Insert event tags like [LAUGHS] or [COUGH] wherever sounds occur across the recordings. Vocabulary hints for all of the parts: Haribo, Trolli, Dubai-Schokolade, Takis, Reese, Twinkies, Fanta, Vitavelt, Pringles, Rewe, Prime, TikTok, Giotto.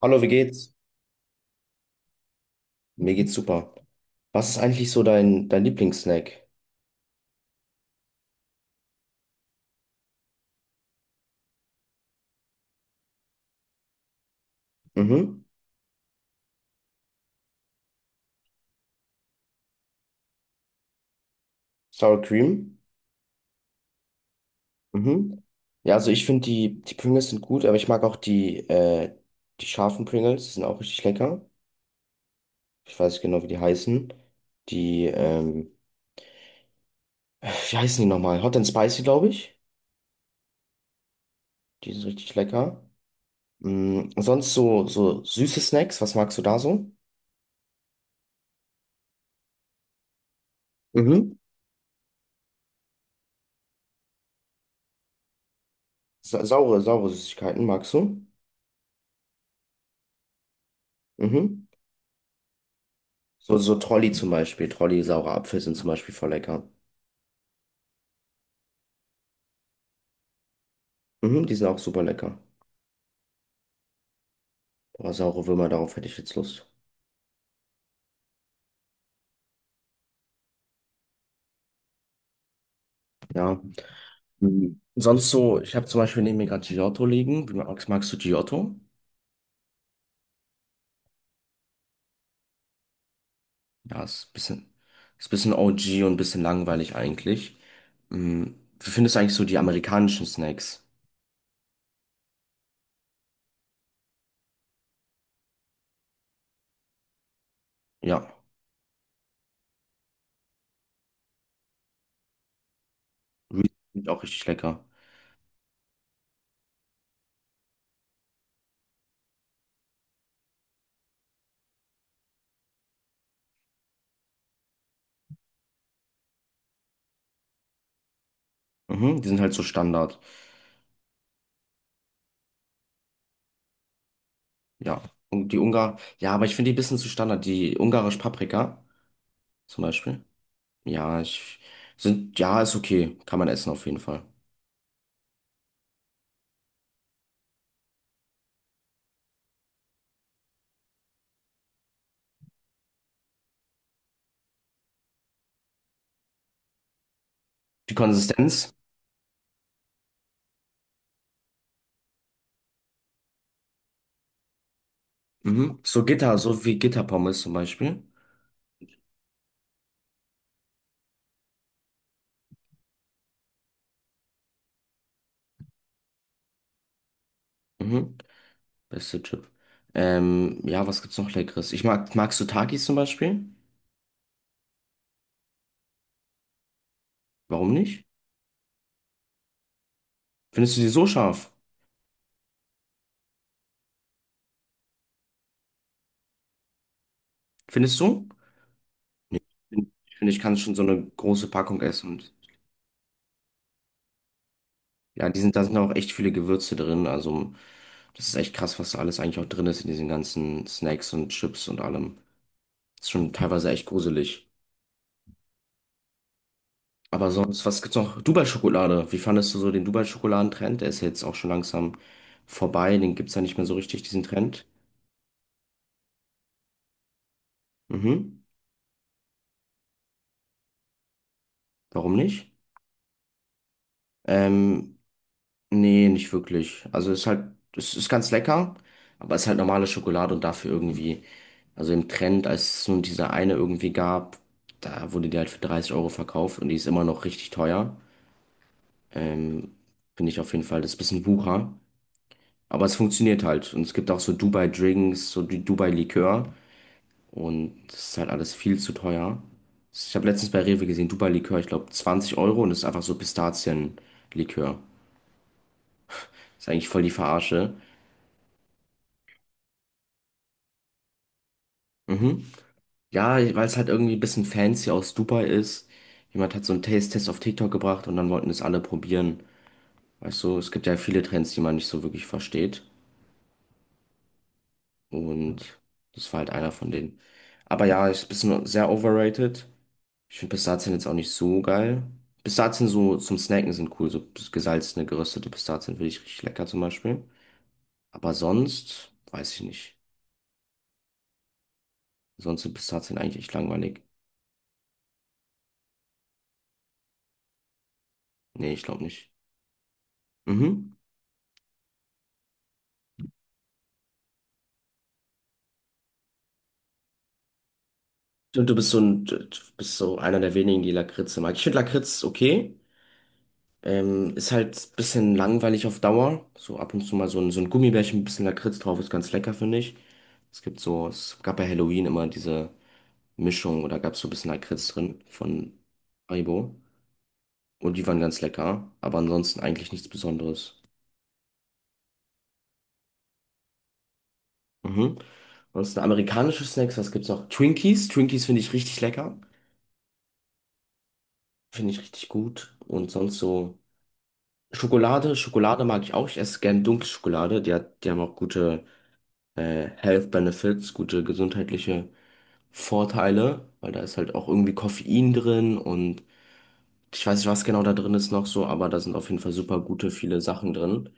Hallo, wie geht's? Mir geht's super. Was ist eigentlich so dein Lieblingssnack? Mhm. Sour Cream? Mhm. Ja, also ich finde die Pringles sind gut, aber ich mag auch die scharfen Pringles, die sind auch richtig lecker. Ich weiß nicht genau, wie die heißen. Die, ähm, [LAUGHS] wie heißen die nochmal? Hot and Spicy, glaube ich. Die sind richtig lecker. Mhm. Sonst so süße Snacks, was magst du da so? Mhm. Saure Süßigkeiten magst du? Mhm. So Trolli zum Beispiel. Trolli, saure Apfel sind zum Beispiel voll lecker. Mhm, die sind auch super lecker. Aber saure Würmer, darauf hätte ich jetzt Lust. Ja. Mhm. Sonst so, ich habe zum Beispiel neben mir gerade Giotto liegen. Wie magst du Giotto? Ja, ist ein bisschen OG und ein bisschen langweilig eigentlich. Mhm. Wie findest du eigentlich so die amerikanischen Snacks? Ja, Reese sind auch richtig lecker. Mhm, die sind halt so Standard. Ja. Und ja, aber ich finde die ein bisschen zu Standard. Die ungarische Paprika zum Beispiel. Ja, ja, ist okay. Kann man essen auf jeden Fall. Die Konsistenz? Mhm. So Gitter, so wie Gitterpommes zum Beispiel. Mhm. Beste Chip. Ja, was gibt's noch Leckeres? Magst du Takis zum Beispiel? Warum nicht? Findest du die so scharf? Findest du? Nee. Ich finde, ich kann schon so eine große Packung essen. Und ja, da sind auch echt viele Gewürze drin. Also, das ist echt krass, was da alles eigentlich auch drin ist in diesen ganzen Snacks und Chips und allem. Ist schon teilweise echt gruselig. Aber sonst, was gibt's noch? Dubai-Schokolade. Wie fandest du so den Dubai-Schokoladentrend? Der ist ja jetzt auch schon langsam vorbei. Den gibt's ja nicht mehr so richtig, diesen Trend. Mhm. Warum nicht? Ähm, nee, nicht wirklich. Also ist halt, es ist ganz lecker, aber es ist halt normale Schokolade und dafür irgendwie, also im Trend, als es nur diese eine irgendwie gab, da wurde die halt für 30 € verkauft und die ist immer noch richtig teuer. Ähm, finde ich auf jeden Fall, das ist ein bisschen Wucher. Aber es funktioniert halt. Und es gibt auch so Dubai-Drinks, so die Dubai-Likör. Und das ist halt alles viel zu teuer. Ich habe letztens bei Rewe gesehen, Dubai-Likör, ich glaube 20 € und das ist einfach so Pistazien-Likör. Ist eigentlich voll die Verarsche. Mhm. Ja, weil es halt irgendwie ein bisschen fancy aus Dubai ist. Jemand hat so einen Taste-Test auf TikTok gebracht und dann wollten es alle probieren. Weißt du, es gibt ja viele Trends, die man nicht so wirklich versteht. Und das war halt einer von denen. Aber ja, ist ein bisschen sehr overrated. Ich finde Pistazien jetzt auch nicht so geil. Pistazien so zum Snacken sind cool, so gesalzene, geröstete Pistazien finde ich richtig lecker zum Beispiel. Aber sonst weiß ich nicht. Sonst sind Pistazien eigentlich echt langweilig. Nee, ich glaube nicht. Mhm. Und du bist so einer der wenigen, die Lakritze mag. Ich finde Lakritz okay. Ist halt ein bisschen langweilig auf Dauer. So ab und zu mal so ein Gummibärchen, ein bisschen Lakritz drauf, ist ganz lecker, finde ich. Es gab bei Halloween immer diese. Mischung oder gab es so ein bisschen Lakritz drin von Haribo. Und die waren ganz lecker, aber ansonsten eigentlich nichts Besonderes. Mhm. Ansonsten amerikanische Snacks, was gibt's noch? Twinkies. Twinkies finde ich richtig lecker. Finde ich richtig gut. Und sonst so Schokolade. Schokolade mag ich auch. Ich esse gern dunkle Schokolade. Die haben auch gute Health Benefits, gute gesundheitliche Vorteile, weil da ist halt auch irgendwie Koffein drin und ich weiß nicht, was genau da drin ist noch so, aber da sind auf jeden Fall super gute viele Sachen drin.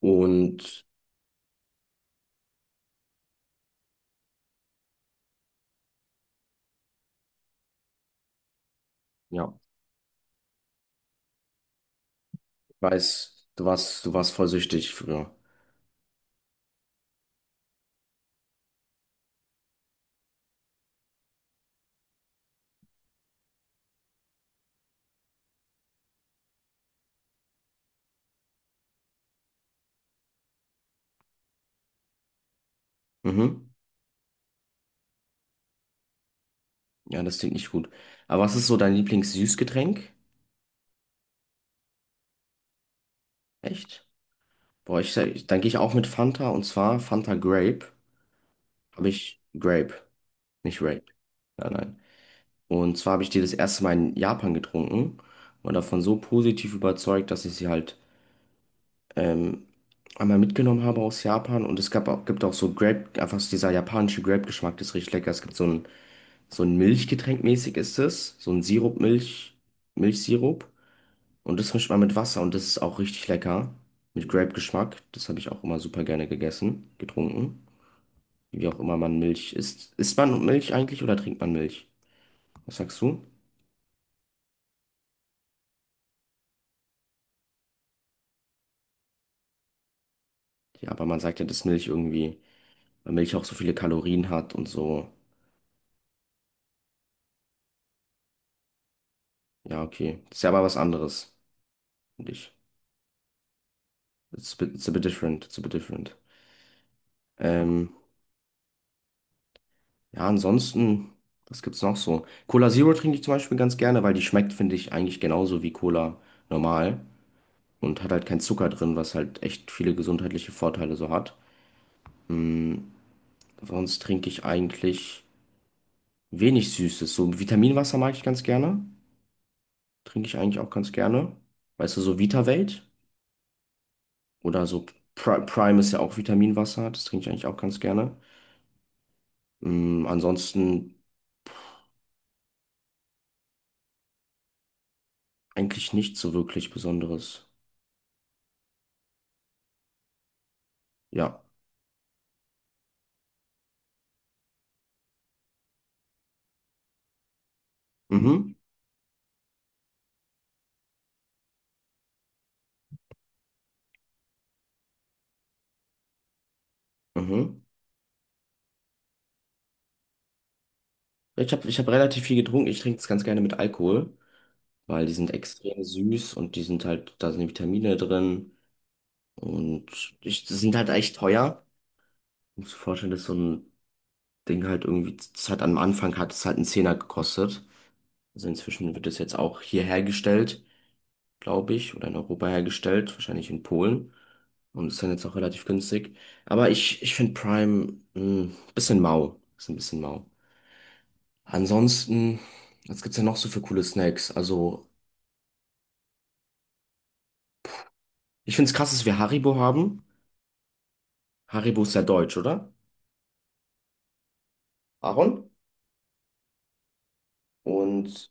Und ja. Ich weiß, du warst voll süchtig früher. Mhm. Ja, das klingt nicht gut. Aber was ist so dein Lieblings-Süßgetränk? Echt? Boah, dann gehe ich auch mit Fanta und zwar Fanta Grape. Habe ich Grape, nicht Rape. Nein, nein. Und zwar habe ich die das erste Mal in Japan getrunken und davon so positiv überzeugt, dass ich sie halt ähm, einmal mitgenommen habe aus Japan. Und gibt auch so Grape, einfach so dieser japanische Grape-Geschmack, das ist richtig lecker. Es gibt so einen So ein Milchgetränk mäßig ist es. So ein Sirup, Milch, Milchsirup. Und das mischt man mit Wasser und das ist auch richtig lecker. Mit Grape-Geschmack. Das habe ich auch immer super gerne gegessen, getrunken. Wie auch immer man Milch isst. Isst man Milch eigentlich oder trinkt man Milch? Was sagst du? Ja, aber man sagt ja, dass Milch irgendwie, weil Milch auch so viele Kalorien hat und so. Ja, okay. Das ist ja aber was anderes, finde ich. It's a bit different, it's a bit different. Ähm, Ja, ansonsten, was gibt's noch so? Cola Zero trinke ich zum Beispiel ganz gerne, weil die schmeckt, finde ich, eigentlich genauso wie Cola normal und hat halt keinen Zucker drin, was halt echt viele gesundheitliche Vorteile so hat. Mm, sonst trinke ich eigentlich wenig Süßes. So Vitaminwasser mag ich ganz gerne. Trinke ich eigentlich auch ganz gerne. Weißt du, so Vitavelt oder so Prime ist ja auch Vitaminwasser. Das trinke ich eigentlich auch ganz gerne. Ansonsten eigentlich nichts so wirklich Besonderes. Ja. Mhm. Mhm. Ich hab relativ viel getrunken. Ich trinke es ganz gerne mit Alkohol, weil die sind extrem süß und da sind die Vitamine drin und die sind halt echt teuer. Ich muss mir vorstellen, dass so ein Ding halt irgendwie, das hat am Anfang hat es halt einen Zehner gekostet. Also inzwischen wird es jetzt auch hier hergestellt, glaube ich, oder in Europa hergestellt, wahrscheinlich in Polen. Und ist dann jetzt auch relativ günstig. Aber ich finde Prime ein bisschen mau. Ist ein bisschen mau. Ansonsten, was gibt's denn noch so für coole Snacks? Also. Ich finde es krass, dass wir Haribo haben. Haribo ist ja deutsch, oder? Aaron? Und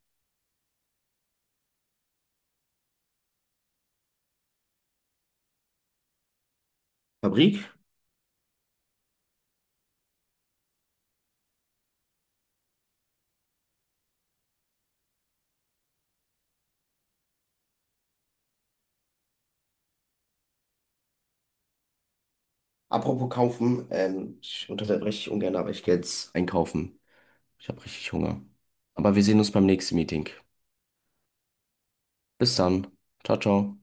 Fabrik? Apropos kaufen, ich unterbreche dich ungern, aber ich gehe jetzt einkaufen. Ich habe richtig Hunger. Aber wir sehen uns beim nächsten Meeting. Bis dann. Ciao, ciao.